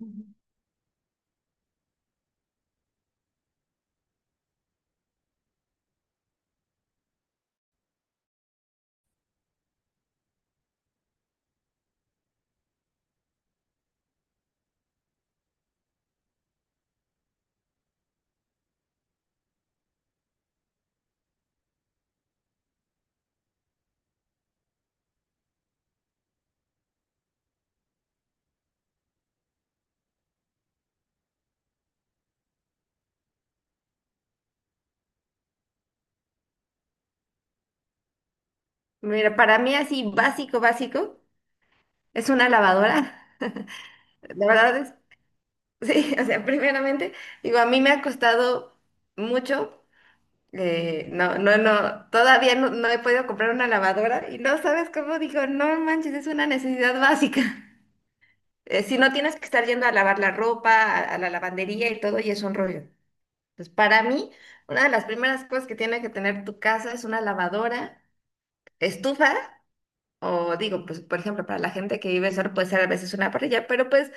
Ujú. Mira, para mí así básico, básico, es una lavadora. La verdad es, sí, o sea, primeramente, digo, a mí me ha costado mucho. No, no, no, todavía no he podido comprar una lavadora y no sabes cómo digo, no manches, es una necesidad básica. Si no tienes que estar yendo a lavar la ropa, a la lavandería y todo, y es un rollo. Entonces, para mí, una de las primeras cosas que tiene que tener tu casa es una lavadora, estufas. O digo, pues por ejemplo, para la gente que vive solo puede ser a veces una parrilla, pero pues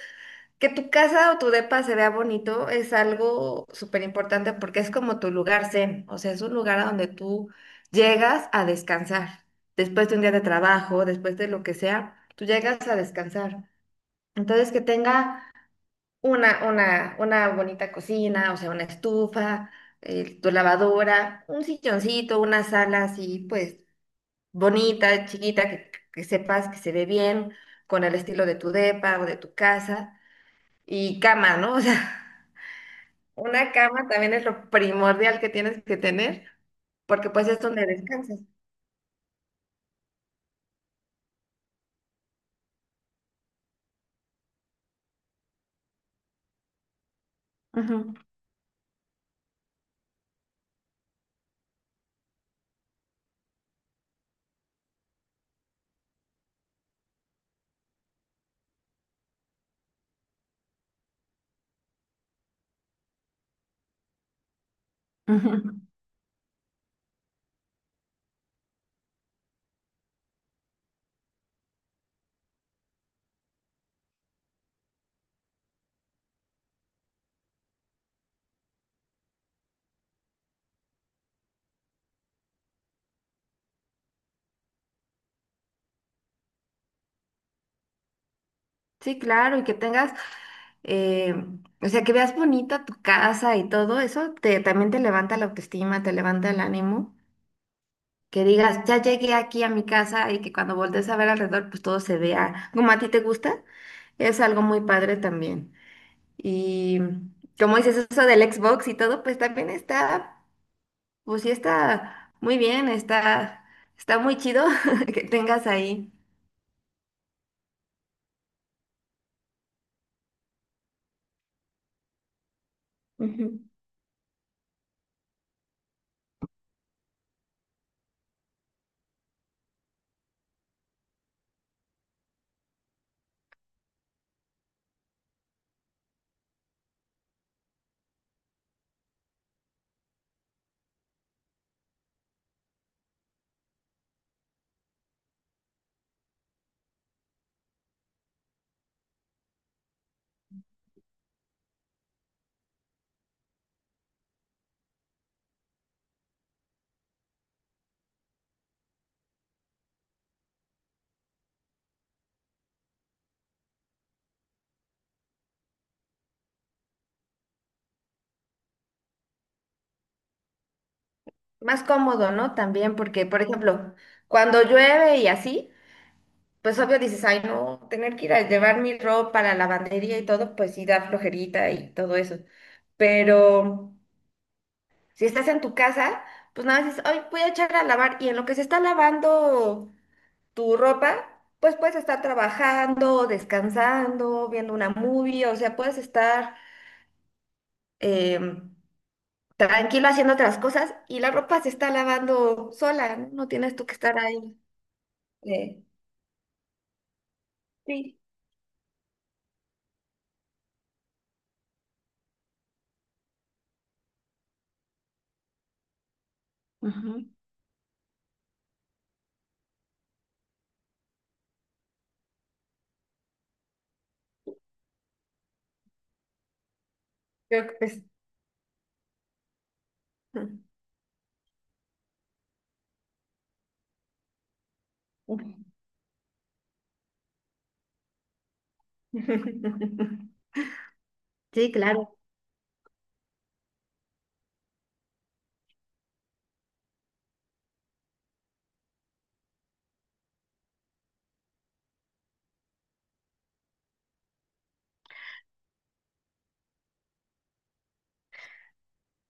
que tu casa o tu depa se vea bonito es algo súper importante porque es como tu lugar zen, o sea, es un lugar a donde tú llegas a descansar. Después de un día de trabajo, después de lo que sea, tú llegas a descansar. Entonces, que tenga una bonita cocina, o sea, una estufa, tu lavadora, un silloncito, una sala así, pues bonita, chiquita, que sepas que se ve bien, con el estilo de tu depa o de tu casa, y cama, ¿no? O sea, una cama también es lo primordial que tienes que tener, porque pues es donde descansas. Ujú, ujú. Sí, claro, y que tengas, eh, o sea, que veas bonita tu casa y todo eso, te, también te levanta la autoestima, te levanta el ánimo. Que digas, ya llegué aquí a mi casa y que cuando voltees a ver alrededor, pues todo se vea como a ti te gusta, es algo muy padre también. Y como dices eso del Xbox y todo, pues también está, pues sí está muy bien, está, está muy chido que tengas ahí. Ujú. Más cómodo, ¿no? También, porque, por ejemplo, cuando llueve y así, pues obvio dices, ay, no, tener que ir a llevar mi ropa a la lavandería y todo, pues sí da flojerita y todo eso. Pero si estás en tu casa, pues nada más dices, ay, voy a echar a lavar. Y en lo que se está lavando tu ropa, pues puedes estar trabajando, descansando, viendo una movie, o sea, puedes estar em, tranquilo haciendo otras cosas y la ropa se está lavando sola, ¿no? No tienes tú que estar ahí. eh, sí, ujú. Yo creo que pues. Sí, claro.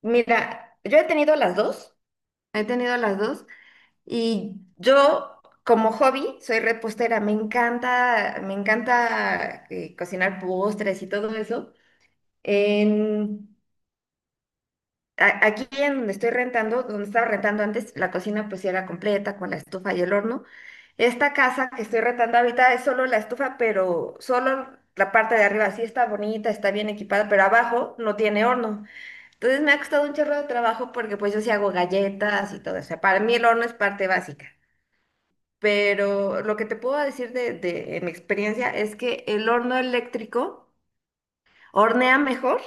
Mira, yo he tenido las dos, he tenido las dos y yo como hobby soy repostera, me encanta cocinar postres y todo eso. En, Aquí en donde estoy rentando, donde estaba rentando antes, la cocina pues sí era completa con la estufa y el horno. Esta casa que estoy rentando ahorita es solo la estufa, pero solo la parte de arriba sí está bonita, está bien equipada, pero abajo no tiene horno. Entonces me ha costado un chorro de trabajo porque pues yo sí hago galletas y todo. O sea, para mí el horno es parte básica. Pero lo que te puedo decir de mi experiencia es que el horno eléctrico hornea mejor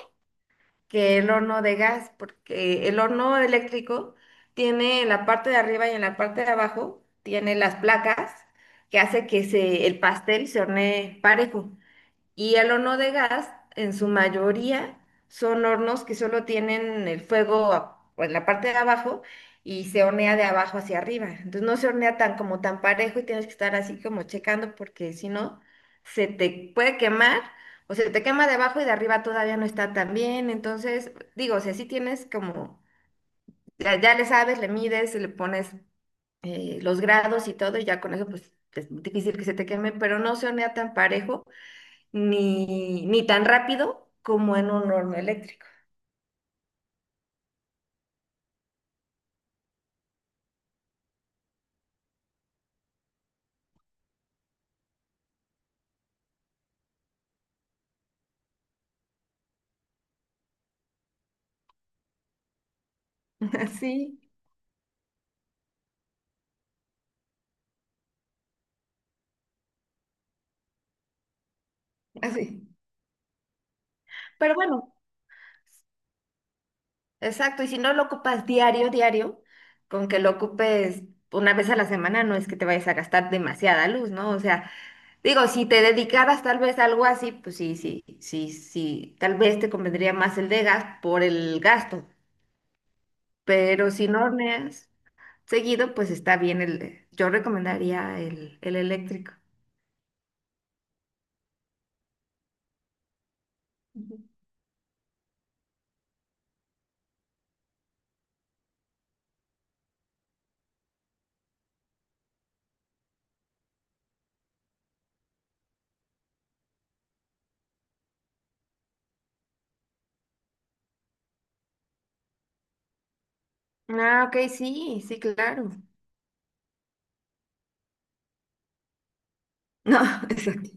que el horno de gas, porque el horno eléctrico tiene en la parte de arriba y en la parte de abajo, tiene las placas que hace que se, el pastel se hornee parejo. Y el horno de gas, en su mayoría, son hornos que solo tienen el fuego en la parte de abajo y se hornea de abajo hacia arriba. Entonces no se hornea tan como tan parejo y tienes que estar así como checando porque si no, se te puede quemar o se te quema de abajo y de arriba todavía no está tan bien. Entonces, digo, o sea, sí tienes como, ya le sabes, le mides, le pones los grados y todo y ya con eso pues es difícil que se te queme, pero no se hornea tan parejo ni tan rápido como en un horno eléctrico. Así, así. Pero bueno, exacto. Y si no lo ocupas diario, diario, con que lo ocupes una vez a la semana, no es que te vayas a gastar demasiada luz, ¿no? O sea, digo, si te dedicaras tal vez a algo así, pues sí, sí, sí, sí. Tal vez te convendría más el de gas por el gasto. Pero si no horneas seguido, pues está bien yo recomendaría el eléctrico. Ujú. Ah, ok, sí, sí, claro. No, exacto.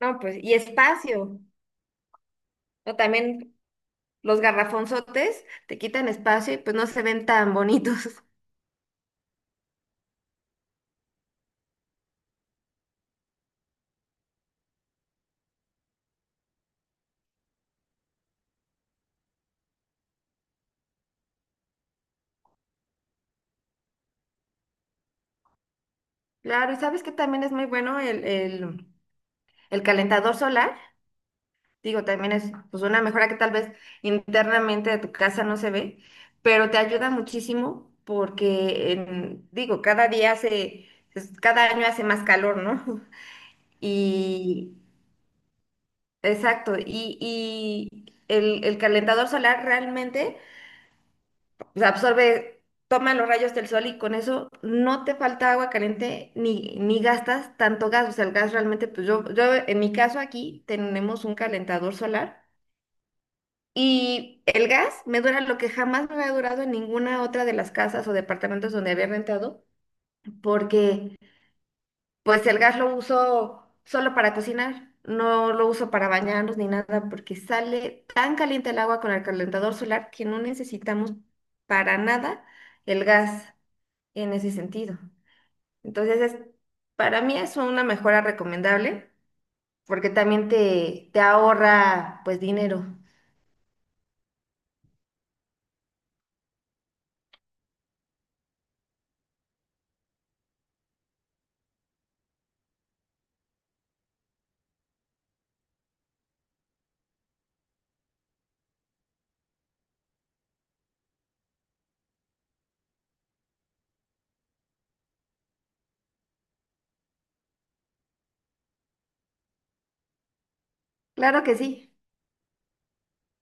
No, pues, y espacio, ¿no? También los garrafonzotes te quitan espacio y pues no se ven tan bonitos. Claro, ¿sabes que también es muy bueno el calentador solar? Digo, también es pues una mejora que tal vez internamente de tu casa no se ve, pero te ayuda muchísimo porque, digo, cada día hace, cada año hace más calor, ¿no? Y, exacto, y el calentador solar realmente. O sea, absorbe, toma los rayos del sol y con eso no te falta agua caliente ni gastas tanto gas. O sea, el gas realmente, pues yo en mi caso aquí tenemos un calentador solar y el gas me dura lo que jamás me había durado en ninguna otra de las casas o departamentos donde había rentado, porque pues el gas lo uso solo para cocinar. No lo uso para bañarnos ni nada porque sale tan caliente el agua con el calentador solar que no necesitamos para nada el gas en ese sentido. Entonces, es, para mí es una mejora recomendable porque también te ahorra pues dinero. Claro que sí.